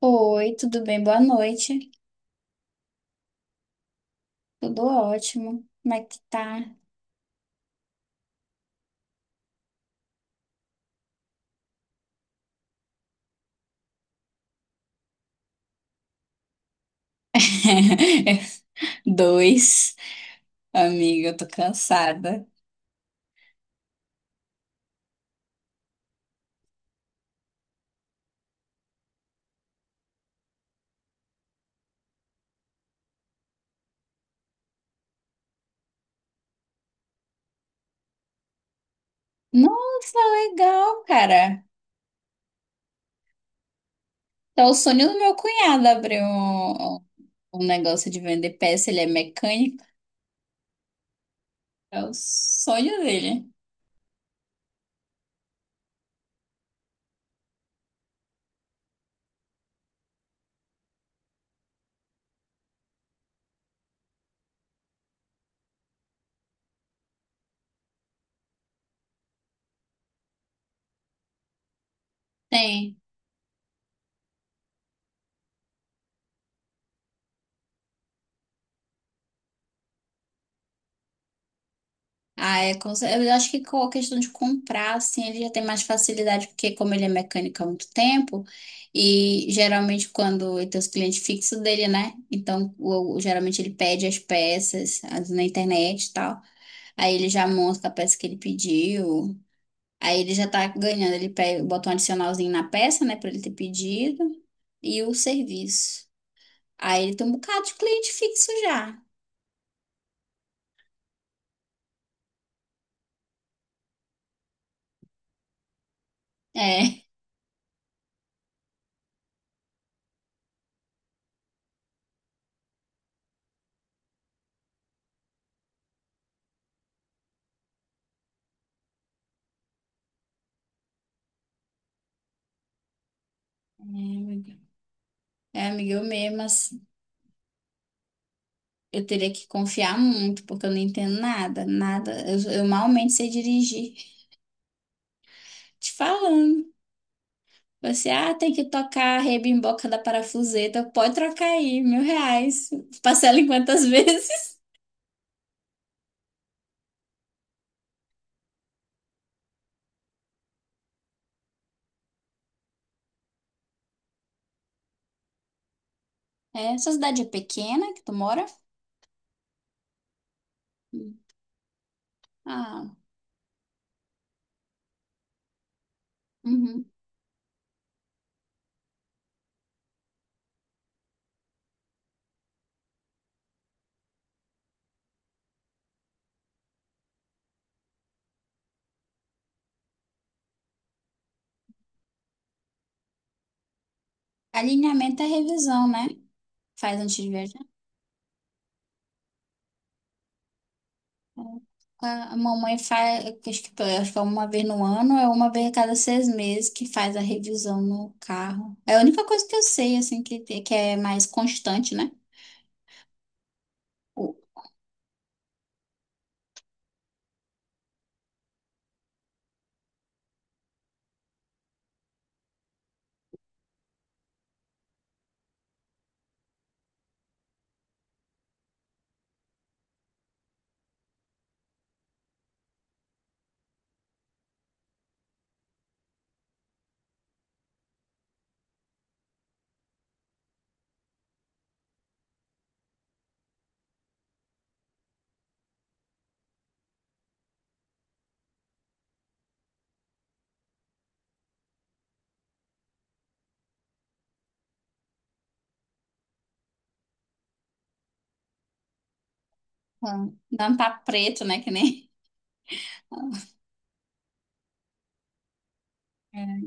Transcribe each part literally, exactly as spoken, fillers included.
Oi, tudo bem? Boa noite. Tudo ótimo. Como é que tá? Dois. Amiga, eu tô cansada. Nossa, legal, cara. Tá o sonho do meu cunhado abrir um, um um negócio de vender peça. Ele é mecânico. É o sonho dele. Tem. Ah, é, com cer- eu acho que com a questão de comprar, assim, ele já tem mais facilidade, porque como ele é mecânico há muito tempo, e geralmente quando ele tem os clientes fixos dele, né? Então, o- o- geralmente ele pede as peças as- na internet e tal. Aí ele já monta a peça que ele pediu. Aí ele já tá ganhando, ele pega, bota um adicionalzinho na peça, né, pra ele ter pedido, e o serviço. Aí ele tem um bocado de cliente fixo já. É, é, amiga, é, amiga, eu mesmo, eu teria que confiar muito, porque eu não entendo nada, nada. Eu, eu malmente sei dirigir. Te falando. Você, ah, tem que tocar a rebimboca da parafuseta. Pode trocar aí, mil reais. Parcela em quantas vezes? É, sua cidade é pequena que tu mora? Hum. Ah, uhum. Alinhamento é revisão, né? Faz antes de viajar. A a mamãe faz, acho que, acho que é uma vez no ano, é uma vez a cada seis meses que faz a revisão no carro. É a única coisa que eu sei, assim, que, te- que é mais constante, né? O- ah, Dá um papo preto, né? Que nem.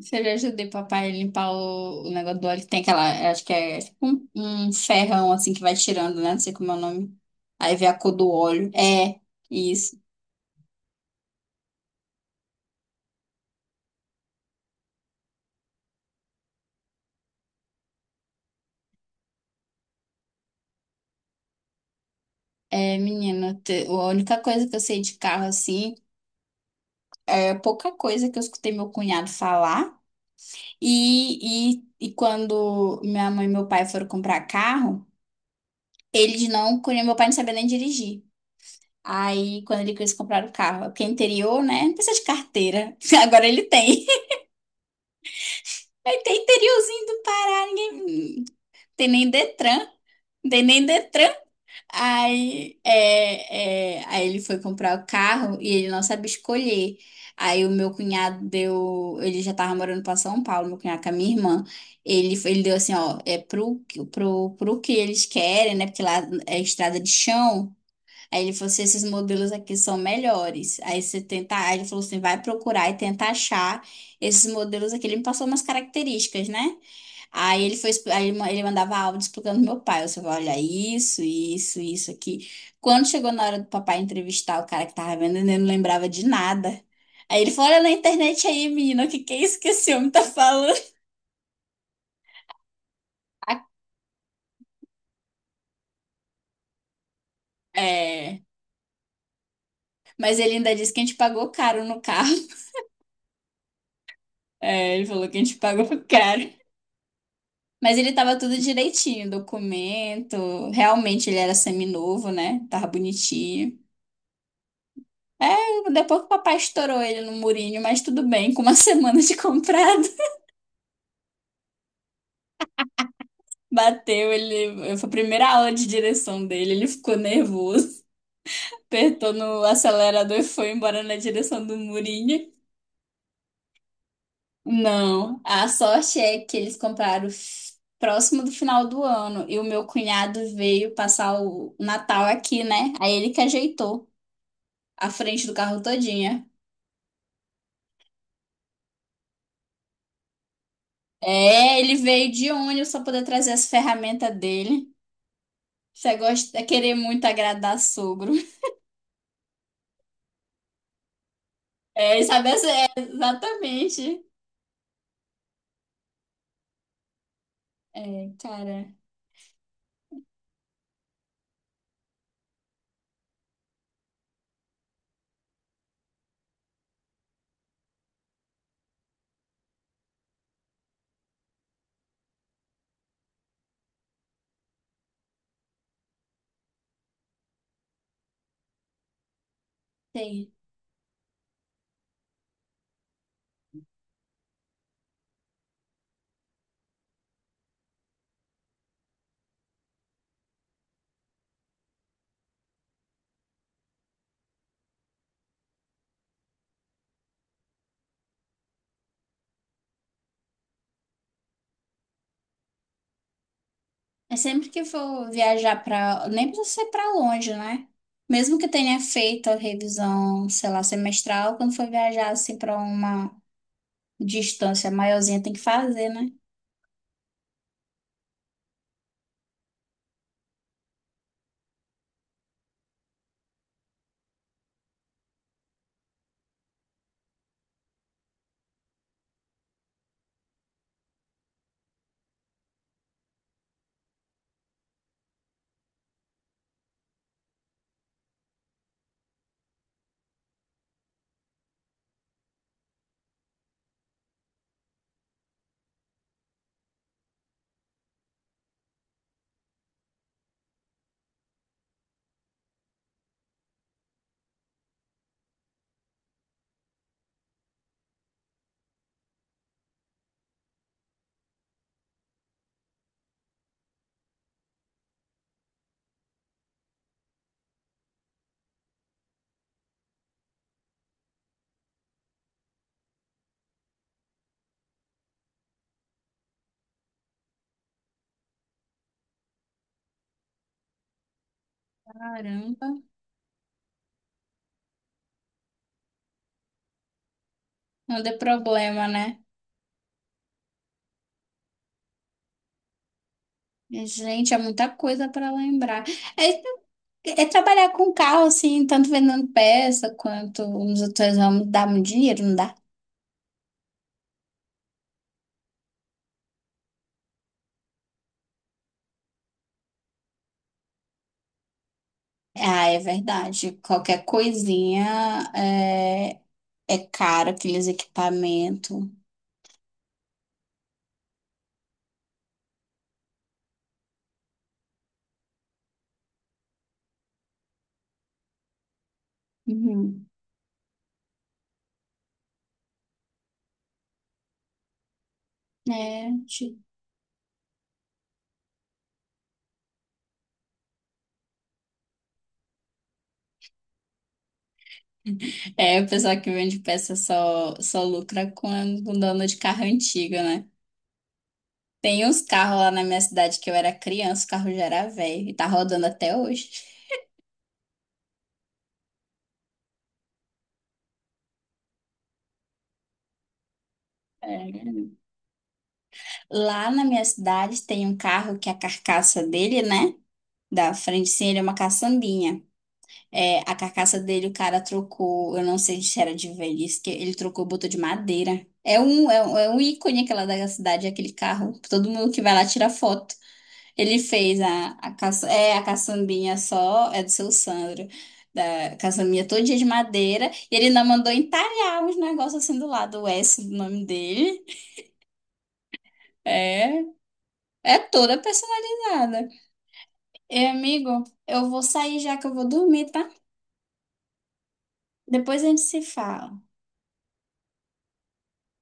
Você já ajudei papai a limpar o, o negócio do óleo que tem aquela, acho que é tipo um, um ferrão assim que vai tirando, né? Não sei como é o nome. Aí vê a cor do óleo. É, isso. É, menina, te- a única coisa que eu sei de carro assim é pouca coisa que eu escutei meu cunhado falar. E, e, e quando minha mãe e meu pai foram comprar carro, eles não conheciam, meu pai não sabia nem dirigir. Aí, quando ele quis comprar o carro, porque é interior, né? Não precisa de carteira. Agora ele tem. Aí tem interiorzinho do Pará, ninguém. Tem nem Detran. Tem nem Detran. Aí, é, é, aí ele foi comprar o carro e ele não sabe escolher. Aí o meu cunhado deu. Ele já tava morando pra São Paulo, meu cunhado com a minha irmã. Ele, ele deu assim, ó, é pro, pro, pro que eles querem, né? Porque lá é estrada de chão. Aí ele falou assim: esses modelos aqui são melhores. Aí você tenta. Aí ele falou assim: vai procurar e tenta achar esses modelos aqui. Ele me passou umas características, né? Aí ele foi, expli- aí ele ma- ele mandava áudio explicando pro meu pai. Eu falei, olha, isso, isso, isso aqui. Quando chegou na hora do papai entrevistar o cara que tava vendendo, ele não lembrava de nada. Aí ele falou, olha na internet aí, menina, o que que é isso que esse homem tá falando? É, mas ele ainda disse que a gente pagou caro no carro. É, ele falou que a gente pagou caro. Mas ele tava tudo direitinho, documento. Realmente ele era semi-novo, né? Tava bonitinho. É, depois que o papai estourou ele no murinho, mas tudo bem, com uma semana de comprado. Bateu, ele foi a primeira aula de direção dele, ele ficou nervoso, apertou no acelerador e foi embora na direção do murinho. Não, a sorte é que eles compraram f- próximo do final do ano e o meu cunhado veio passar o Natal aqui, né? Aí ele que ajeitou a frente do carro todinha. É, ele veio de ônibus pra poder trazer as ferramentas dele. Você gosta de querer muito agradar sogro. É, sabe? essa- É, exatamente. É, cara, tem. É sempre que for viajar pra. Nem precisa ser pra longe, né? Mesmo que tenha feito a revisão, sei lá, semestral, quando for viajar assim pra uma distância maiorzinha, tem que fazer, né? Caramba, não dê problema, né? Gente, é muita coisa pra lembrar. É, é trabalhar com carro, assim, tanto vendendo peça quanto nos outros ramos, dá muito dinheiro, não dá? Ah, é verdade. Qualquer coisinha é, é caro, aqueles equipamentos. Uhum. É, ti- é, o pessoal que vende peça só, só lucra com, com dono de carro antigo, né? Tem uns carros lá na minha cidade que eu era criança, o carro já era velho e tá rodando até hoje. É. Lá na minha cidade tem um carro que a carcaça dele, né? Da frente, sim, ele é uma caçambinha. É, a carcaça dele o cara trocou, eu não sei se era de velhice, que ele trocou, botou de madeira. É um, é um, é um ícone aquela da cidade, aquele carro, que todo mundo que vai lá tira foto. Ele fez a, a, caça, é, a caçambinha só, é do seu Sandro, da caçambinha todo dia de madeira, e ele ainda mandou entalhar uns negócios assim do lado, o esse do nome dele. É, é toda personalizada. E, amigo, eu vou sair já que eu vou dormir, tá? Depois a gente se fala.